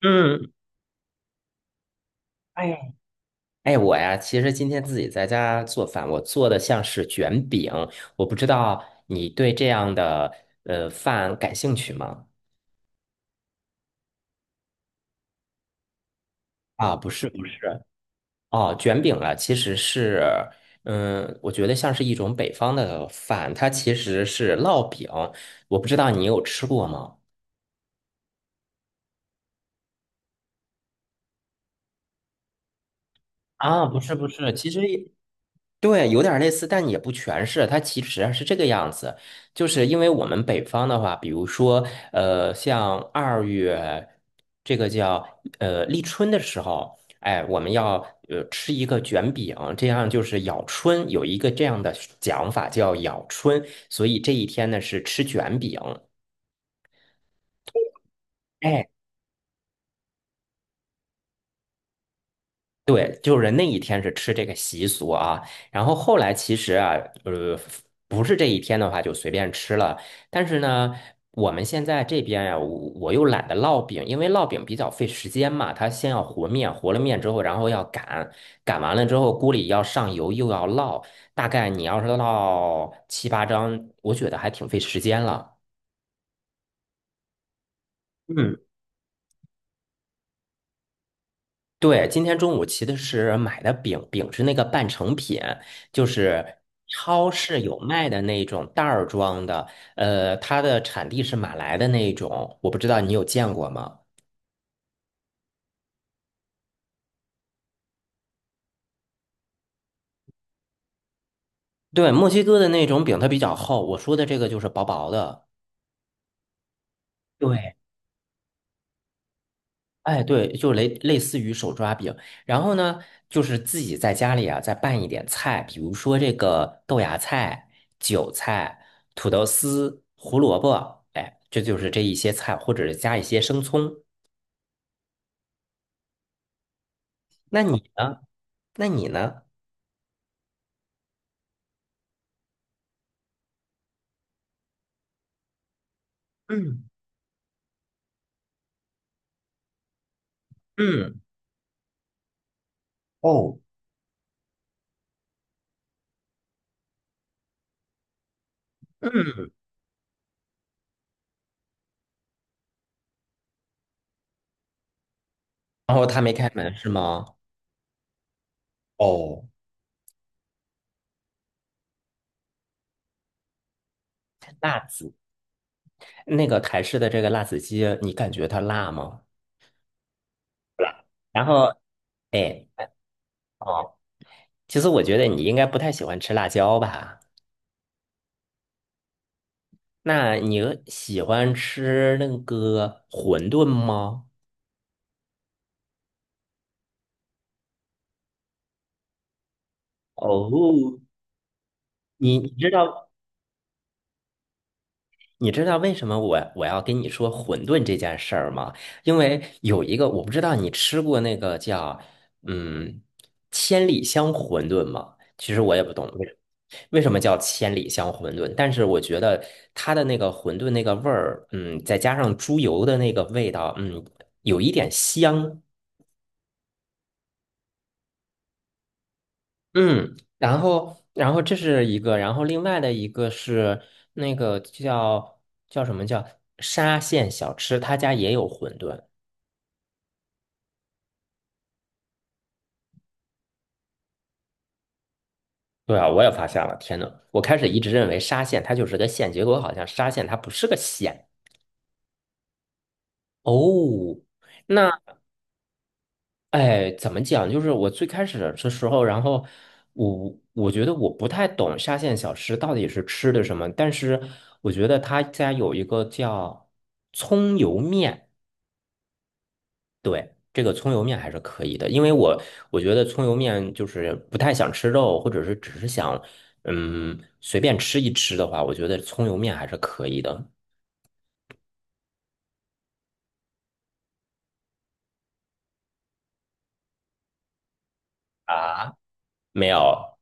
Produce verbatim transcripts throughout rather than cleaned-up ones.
嗯，哎呀，哎，我呀，其实今天自己在家做饭，我做的像是卷饼，我不知道你对这样的呃饭感兴趣吗？啊，不是不是，哦，卷饼啊，其实是，嗯，我觉得像是一种北方的饭，它其实是烙饼，我不知道你有吃过吗？啊，不是不是，其实也对，有点类似，但也不全是。它其实是这个样子，就是因为我们北方的话，比如说，呃，像二月这个叫呃立春的时候，哎，我们要呃吃一个卷饼，这样就是咬春，有一个这样的讲法叫咬春，所以这一天呢是吃卷饼。哎，对，就是那一天是吃这个习俗啊，然后后来其实啊，呃，不是这一天的话就随便吃了，但是呢，我们现在这边呀、我我又懒得烙饼，因为烙饼比较费时间嘛，它先要和面，和了面之后，然后要擀，擀完了之后锅里要上油，又要烙，大概你要是烙七八张，我觉得还挺费时间了。嗯。对，今天中午骑的是买的饼，饼是那个半成品，就是超市有卖的那种袋儿装的，呃，它的产地是马来的那种，我不知道你有见过吗？对，墨西哥的那种饼它比较厚，我说的这个就是薄薄的。对，哎，对，就类类似于手抓饼，然后呢，就是自己在家里啊，再拌一点菜，比如说这个豆芽菜、韭菜、土豆丝、胡萝卜，哎，这就是这一些菜，或者是加一些生葱。那你呢？那你呢？嗯，哦，然后他没开门是吗？哦，辣子，那个台式的这个辣子鸡，你感觉它辣吗？辣。然后，哎，哦，其实我觉得你应该不太喜欢吃辣椒吧。那你喜欢吃那个馄饨吗？哦，你你知道你知道为什么我我要跟你说馄饨这件事儿吗？因为有一个我不知道你吃过那个叫嗯千里香馄饨吗？其实我也不懂为什么为什么叫千里香馄饨，但是我觉得它的那个馄饨那个味儿，嗯，再加上猪油的那个味道，嗯，有一点香。嗯，然后，然后这是一个，然后另外的一个是那个叫叫什么叫沙县小吃，他家也有馄饨。对啊，我也发现了，天呐，我开始一直认为沙县它就是个县，结果好像沙县它不是个县。哦，那哎，怎么讲？就是我最开始的时候，然后我我觉得我不太懂沙县小吃到底是吃的什么，但是我觉得他家有一个叫葱油面。对，这个葱油面还是可以的，因为我我觉得葱油面就是不太想吃肉，或者是只是想嗯随便吃一吃的话，我觉得葱油面还是可以的。啊，没有，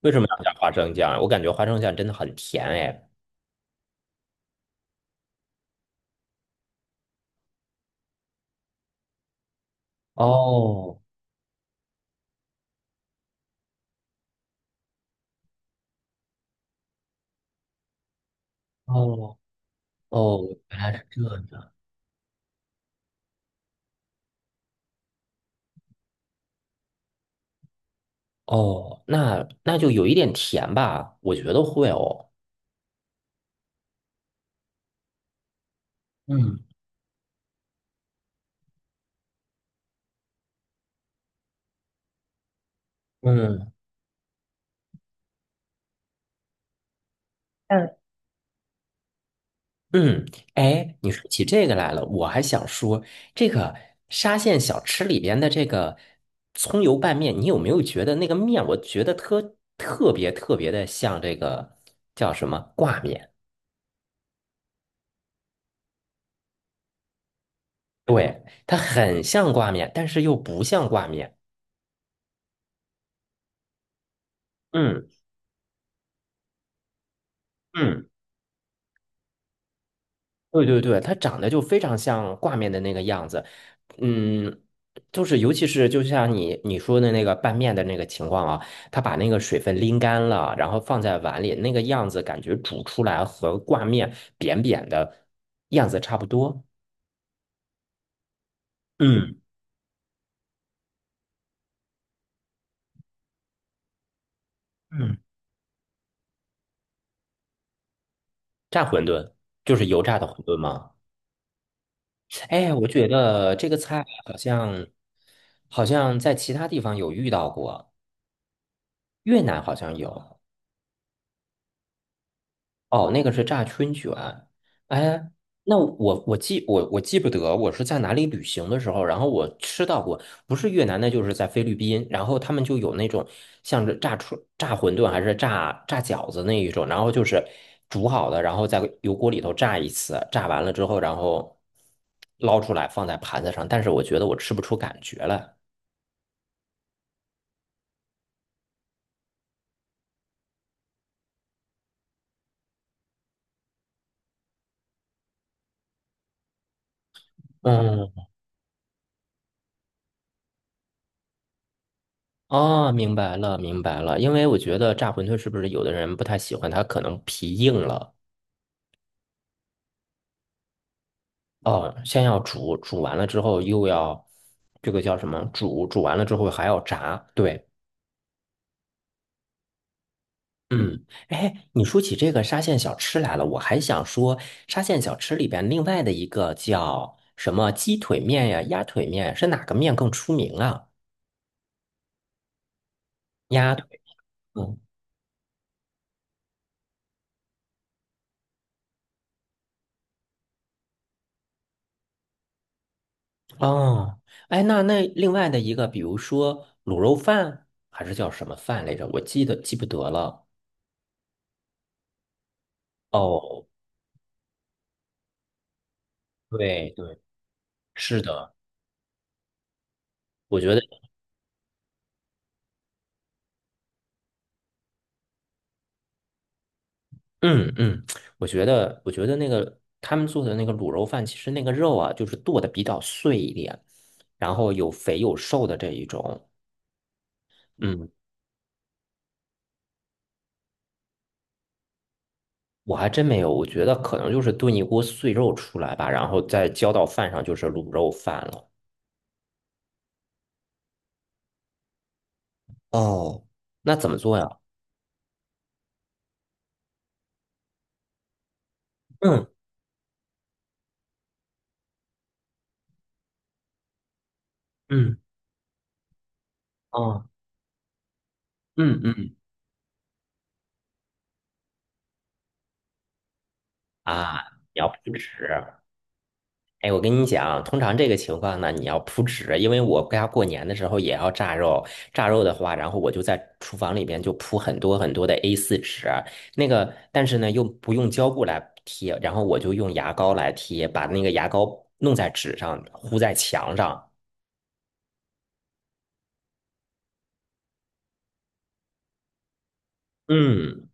为什么要加花生酱？我感觉花生酱真的很甜哎。哦哦哦，原来是这样。哦，那那就有一点甜吧，我觉得会哦。嗯嗯。嗯，哎，你说起这个来了，我还想说，这个沙县小吃里边的这个葱油拌面，你有没有觉得那个面，我觉得特特别特别的像这个叫什么挂面？对，它很像挂面，但是又不像挂面。嗯嗯。对对对，它长得就非常像挂面的那个样子，嗯，就是尤其是就像你你说的那个拌面的那个情况啊，它把那个水分拎干了，然后放在碗里，那个样子感觉煮出来和挂面扁扁的样子差不多。嗯嗯，炸馄饨就是油炸的馄饨吗？哎，我觉得这个菜好像好像在其他地方有遇到过，越南好像有。哦，那个是炸春卷。哎，那我我记我我记不得我是在哪里旅行的时候，然后我吃到过，不是越南那就是在菲律宾，然后他们就有那种像是炸春炸馄饨还是炸炸饺子那一种，然后就是煮好的，然后在油锅里头炸一次，炸完了之后，然后捞出来放在盘子上，但是我觉得我吃不出感觉来。嗯，哦，明白了，明白了，因为我觉得炸馄饨是不是有的人不太喜欢，它可能皮硬了。哦，先要煮，煮完了之后又要这个叫什么？煮，煮完了之后还要炸。对，嗯，哎，你说起这个沙县小吃来了，我还想说沙县小吃里边另外的一个叫什么鸡腿面呀、鸭腿面，是哪个面更出名啊？鸭腿，嗯，哦，哎，那那另外的一个，比如说卤肉饭还是叫什么饭来着？我记得记不得了。哦，对对，是的。我觉得。嗯嗯，我觉得，我觉得那个他们做的那个卤肉饭，其实那个肉啊，就是剁的比较碎一点，然后有肥有瘦的这一种。嗯，我还真没有，我觉得可能就是炖一锅碎肉出来吧，然后再浇到饭上就是卤肉饭了。哦，那怎么做呀？嗯嗯哦嗯嗯啊，你要不吃？哎，我跟你讲啊，通常这个情况呢，你要铺纸，因为我家过年的时候也要炸肉，炸肉的话，然后我就在厨房里边就铺很多很多的 A 四 纸，那个，但是呢又不用胶布来贴，然后我就用牙膏来贴，把那个牙膏弄在纸上，糊在墙上。嗯，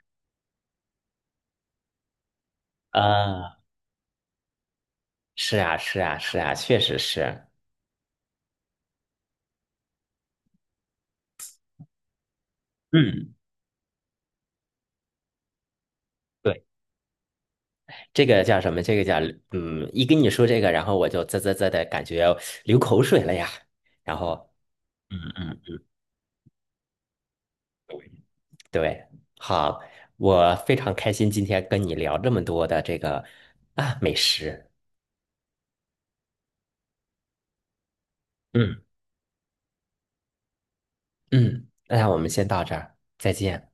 啊，是啊，是啊，是啊，确实是。嗯，对，这个叫什么？这个叫嗯，一跟你说这个，然后我就啧啧啧的感觉流口水了呀，然后。嗯嗯对，好，我非常开心今天跟你聊这么多的这个啊美食。嗯嗯，那我们先到这儿，再见。